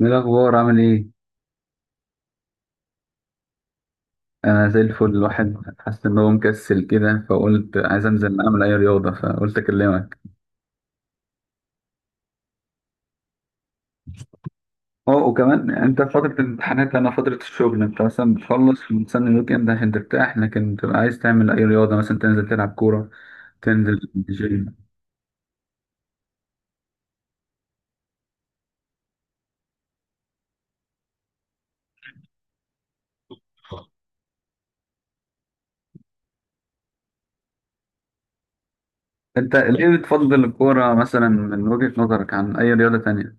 ايه الاخبار؟ عامل ايه؟ انا زي الفل. الواحد حاسس ان هو مكسل كده، فقلت عايز انزل اعمل اي رياضه فقلت اكلمك. اه وكمان انت في فتره الامتحانات، انا فتره الشغل. انت مثلا بتخلص وتستنى الويك اند عشان ترتاح، لكن بتبقى عايز تعمل اي رياضه، مثلا تنزل تلعب كوره، تنزل جيم. انت ليه بتفضل الكوره مثلا من وجهه نظرك عن اي رياضه تانية؟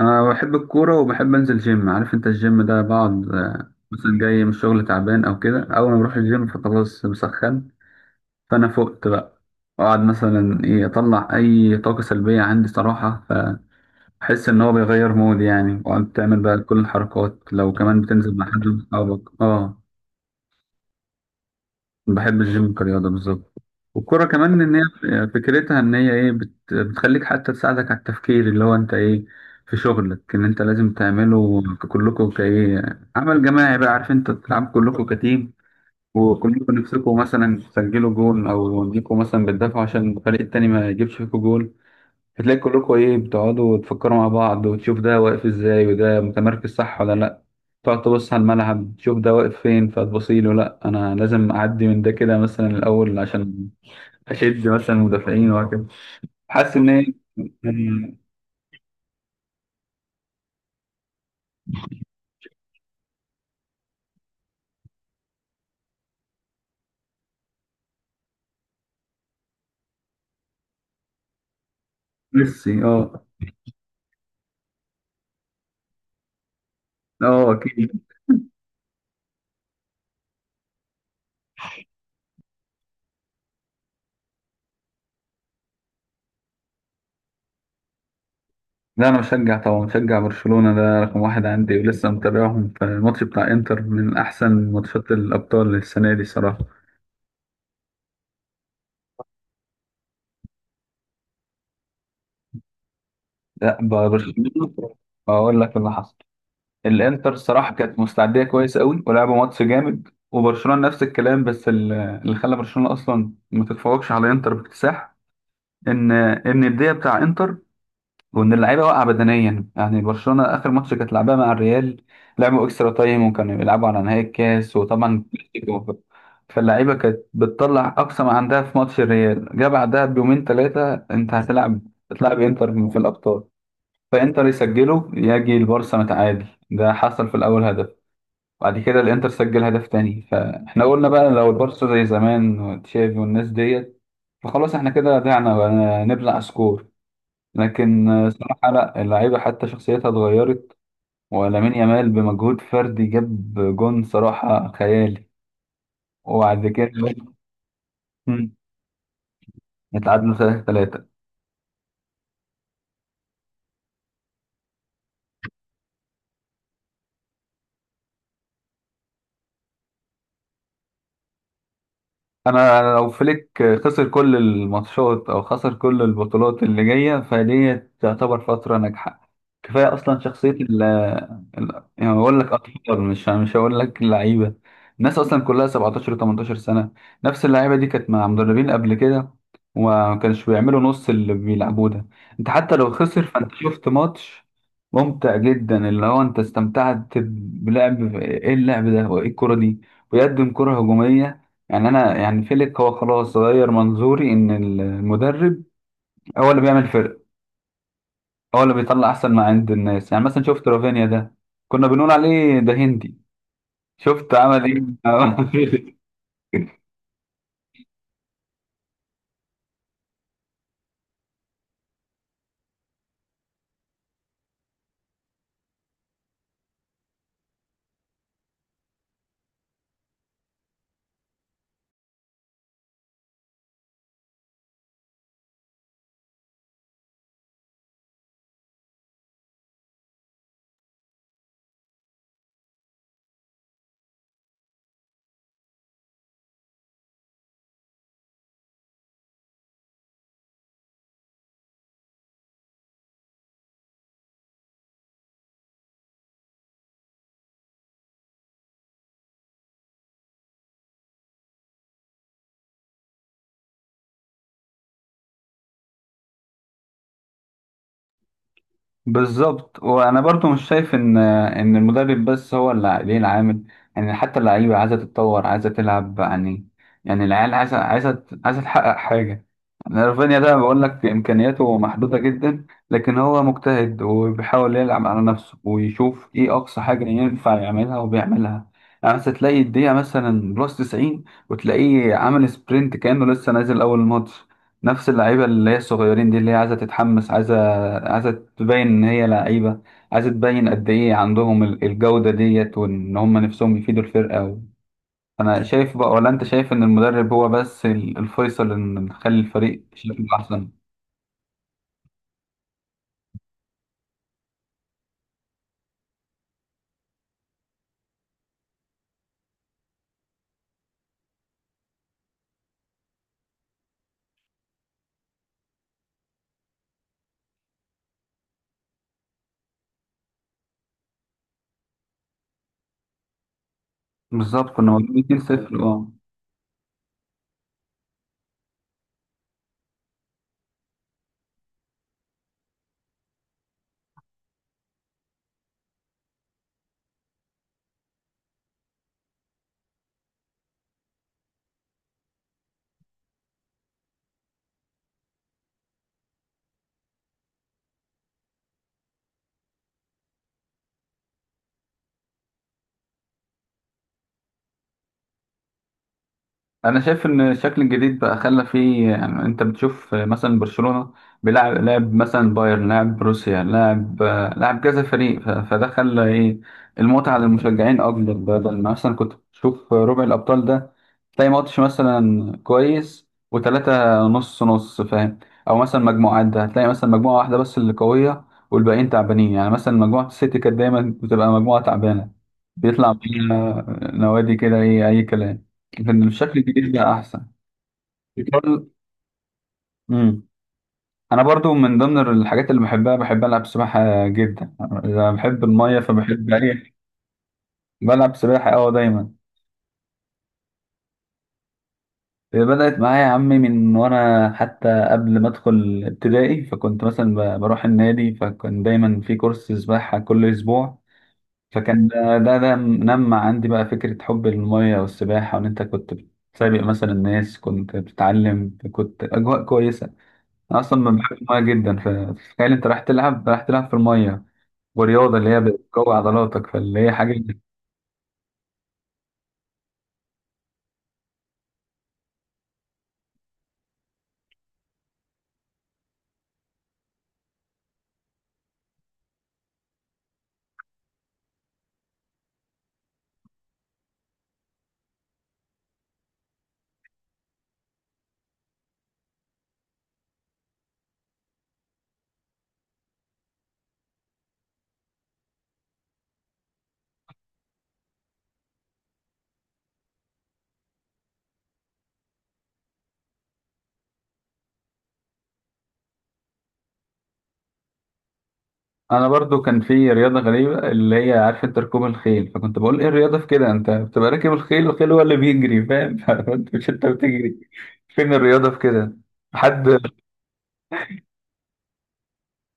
انا بحب الكوره وبحب انزل جيم. عارف انت الجيم ده؟ بقعد مثلا جاي من الشغل تعبان او كده، اول ما بروح الجيم فخلاص بسخن، فانا فقت بقى. اقعد مثلا ايه، اطلع اي طاقه سلبيه عندي صراحه. فاحس ان هو بيغير مود يعني، وقعدت تعمل بقى كل الحركات، لو كمان بتنزل مع حد من اصحابك. اه بحب الجيم كرياضه بالظبط. والكرة كمان إن هي فكرتها إن هي إيه، بتخليك حتى تساعدك على التفكير اللي هو أنت إيه في شغلك إن أنت لازم تعمله. كلكم كإيه عمل جماعي بقى، عارف، أنت تلعب كلكم كتيم، وكلكم نفسكم مثلا تسجلوا جول، او انكم مثلا بتدافعوا عشان الفريق التاني ما يجيبش فيكم جول. فتلاقي كلكم ايه، بتقعدوا تفكروا مع بعض وتشوف ده واقف ازاي، وده متمركز صح ولا لا. تقعد تبص على الملعب، تشوف ده واقف فين، فتبصيله لا انا لازم اعدي من ده كده مثلا الاول عشان اشد مثلا المدافعين، وهكذا. حاسس ان هي يعني ميسي. اه. اه اكيد. لا انا مشجع طبعا، مشجع برشلونة، ده رقم واحد عندي، ولسه متابعهم في الماتش بتاع انتر، من احسن ماتشات الابطال السنة دي صراحة. لا برشلونة. اقول لك اللي حصل. الانتر صراحة كانت مستعدية كويس قوي ولعبوا ماتش جامد، وبرشلونة نفس الكلام، بس اللي خلى برشلونة اصلا ما تتفوقش على انتر باكتساح، ان ان الدقيقة بتاع انتر، وان اللعيبه واقعه بدنيا. يعني برشلونه اخر ماتش كانت لعبها مع الريال، لعبوا اكسترا تايم وكانوا بيلعبوا على نهائي الكاس وطبعا كلاسيكو. فاللعيبه كانت بتطلع اقصى ما عندها في ماتش الريال، جه بعدها بيومين 3 انت هتلعب، هتلعب انتر في الابطال. فانتر يسجله، يجي البارسا متعادل، ده حصل في الاول هدف. بعد كده الانتر سجل هدف تاني، فاحنا قلنا بقى لو البارسا زي زمان وتشافي والناس ديت، فخلاص احنا كده ضيعنا بقى، نبلع سكور. لكن صراحة لا، اللعيبة حتى شخصيتها اتغيرت. ولامين يامال بمجهود فردي جاب جون صراحة خيالي. وبعد كده مم، اتعادلوا 3-3. انا لو فليك خسر كل الماتشات او خسر كل البطولات اللي جايه، فدي تعتبر فتره ناجحه. كفايه اصلا شخصيه ال، يعني بقول لك اطفال، مش هقول لك لعيبه. الناس اصلا كلها 17 و18 سنه، نفس اللعيبه دي كانت مع مدربين قبل كده وما كانش بيعملوا نص اللي بيلعبوه ده. انت حتى لو خسر، فانت شفت ماتش ممتع جدا، اللي هو انت استمتعت بلعب ايه اللعب ده وايه الكرة دي. بيقدم كرة هجومية يعني. انا يعني فيليك هو خلاص غير منظوري ان المدرب هو اللي بيعمل فرق، هو اللي بيطلع احسن ما عند الناس. يعني مثلا شفت رافينيا ده، كنا بنقول عليه ده هندي، شفت عمل ايه. بالظبط. وانا برضو مش شايف ان المدرب بس هو اللي ليه العامل. يعني حتى اللعيبه عايزه تتطور، عايزه تلعب يعني. يعني العيال عايزه تحقق حاجه. يعني رافينيا ده بقول لك امكانياته محدوده جدا، لكن هو مجتهد وبيحاول يلعب على نفسه ويشوف ايه اقصى حاجه ينفع يعملها، وبيعملها. يعني مثلا تلاقي الدقيقه مثلا بلس 90، وتلاقيه عامل سبرنت كانه لسه نازل اول ماتش. نفس اللعيبه اللي هي الصغيرين دي، اللي هي عايزه تتحمس، عايزه، عايزة تبين إن هي لعيبة، عايزة تبين قد إيه عندهم الجودة ديت، وإن هم نفسهم يفيدوا الفرقة و... أنا شايف بقى، ولا أنت شايف إن المدرب هو بس الفيصل إن نخلي الفريق شكله أحسن؟ بالظبط، كنا واخدين 2-0. أه انا شايف ان الشكل الجديد بقى خلى فيه يعني، انت بتشوف مثلا برشلونة بيلعب لاعب، مثلا بايرن لاعب، بروسيا لاعب، كذا فريق، فده خلى ايه، المتعة للمشجعين اكبر. بدل ما مثلا كنت بتشوف ربع الابطال ده، تلاقي ماتش مثلا كويس وتلاتة نص نص، فاهم. او مثلا مجموعات ده، هتلاقي مثلا مجموعة واحدة بس اللي قوية والباقيين تعبانين، يعني مثلا مجموعة السيتي كانت دايما بتبقى مجموعة تعبانة، بيطلع فيها نوادي كده ايه، اي كلام. كان بشكل كبير بقى احسن. برضه امم انا برضو من ضمن الحاجات اللي بحبها، بحب العب سباحه جدا. انا بحب الميه فبحب اي، بلعب سباحه اه دايما. بدات معايا يا عمي من وانا حتى قبل ما ادخل ابتدائي. فكنت مثلا بروح النادي، فكان دايما في كورس سباحه كل اسبوع. فكان ده نمى عندي بقى فكره حب الميه والسباحه، وان انت كنت بتسابق مثلا الناس، كنت بتتعلم، كنت اجواء كويسه. أنا اصلا ما بحبش الميه جدا، فتخيل انت رايح تلعب، رايح تلعب في الميه ورياضه اللي هي بتقوي عضلاتك، فاللي هي حاجه. انا برضو كان في رياضه غريبه اللي هي، عارف انت، ركوب الخيل. فكنت بقول ايه الرياضه في كده، انت بتبقى راكب الخيل، الخيل هو اللي بيجري فاهم، فانت مش انت بتجري، فين الرياضه في كده. حد،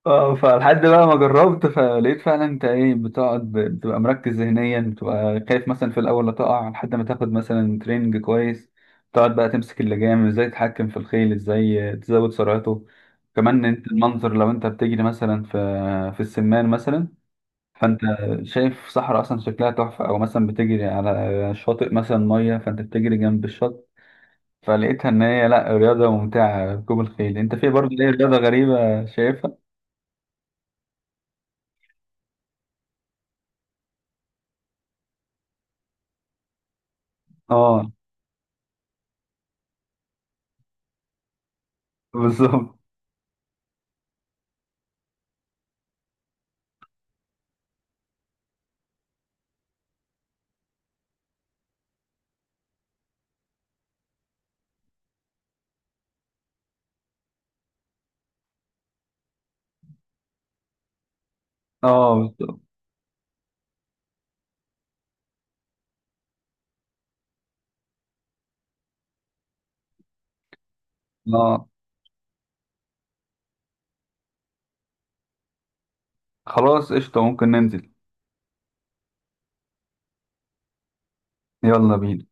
اه، فلحد بقى ما جربت، فلقيت فعلا انت ايه، بتقعد، بتبقى مركز ذهنيا، بتبقى خايف مثلا في الاول لا تقع، لحد ما تاخد مثلا تريننج كويس، تقعد بقى تمسك اللجام ازاي، تتحكم في الخيل ازاي، تزود سرعته. كمان انت المنظر، لو انت بتجري مثلا في في السمان مثلا، فانت شايف صحراء اصلا شكلها تحفه، او مثلا بتجري على شاطئ مثلا ميه، فانت بتجري جنب الشط. فلقيتها ان هي لا رياضه ممتعه ركوب الخيل. انت في برضه ايه رياضه غريبه شايفها؟ اه بالظبط. اه بالظبط. اه خلاص قشطة، ممكن ننزل. يلا بينا.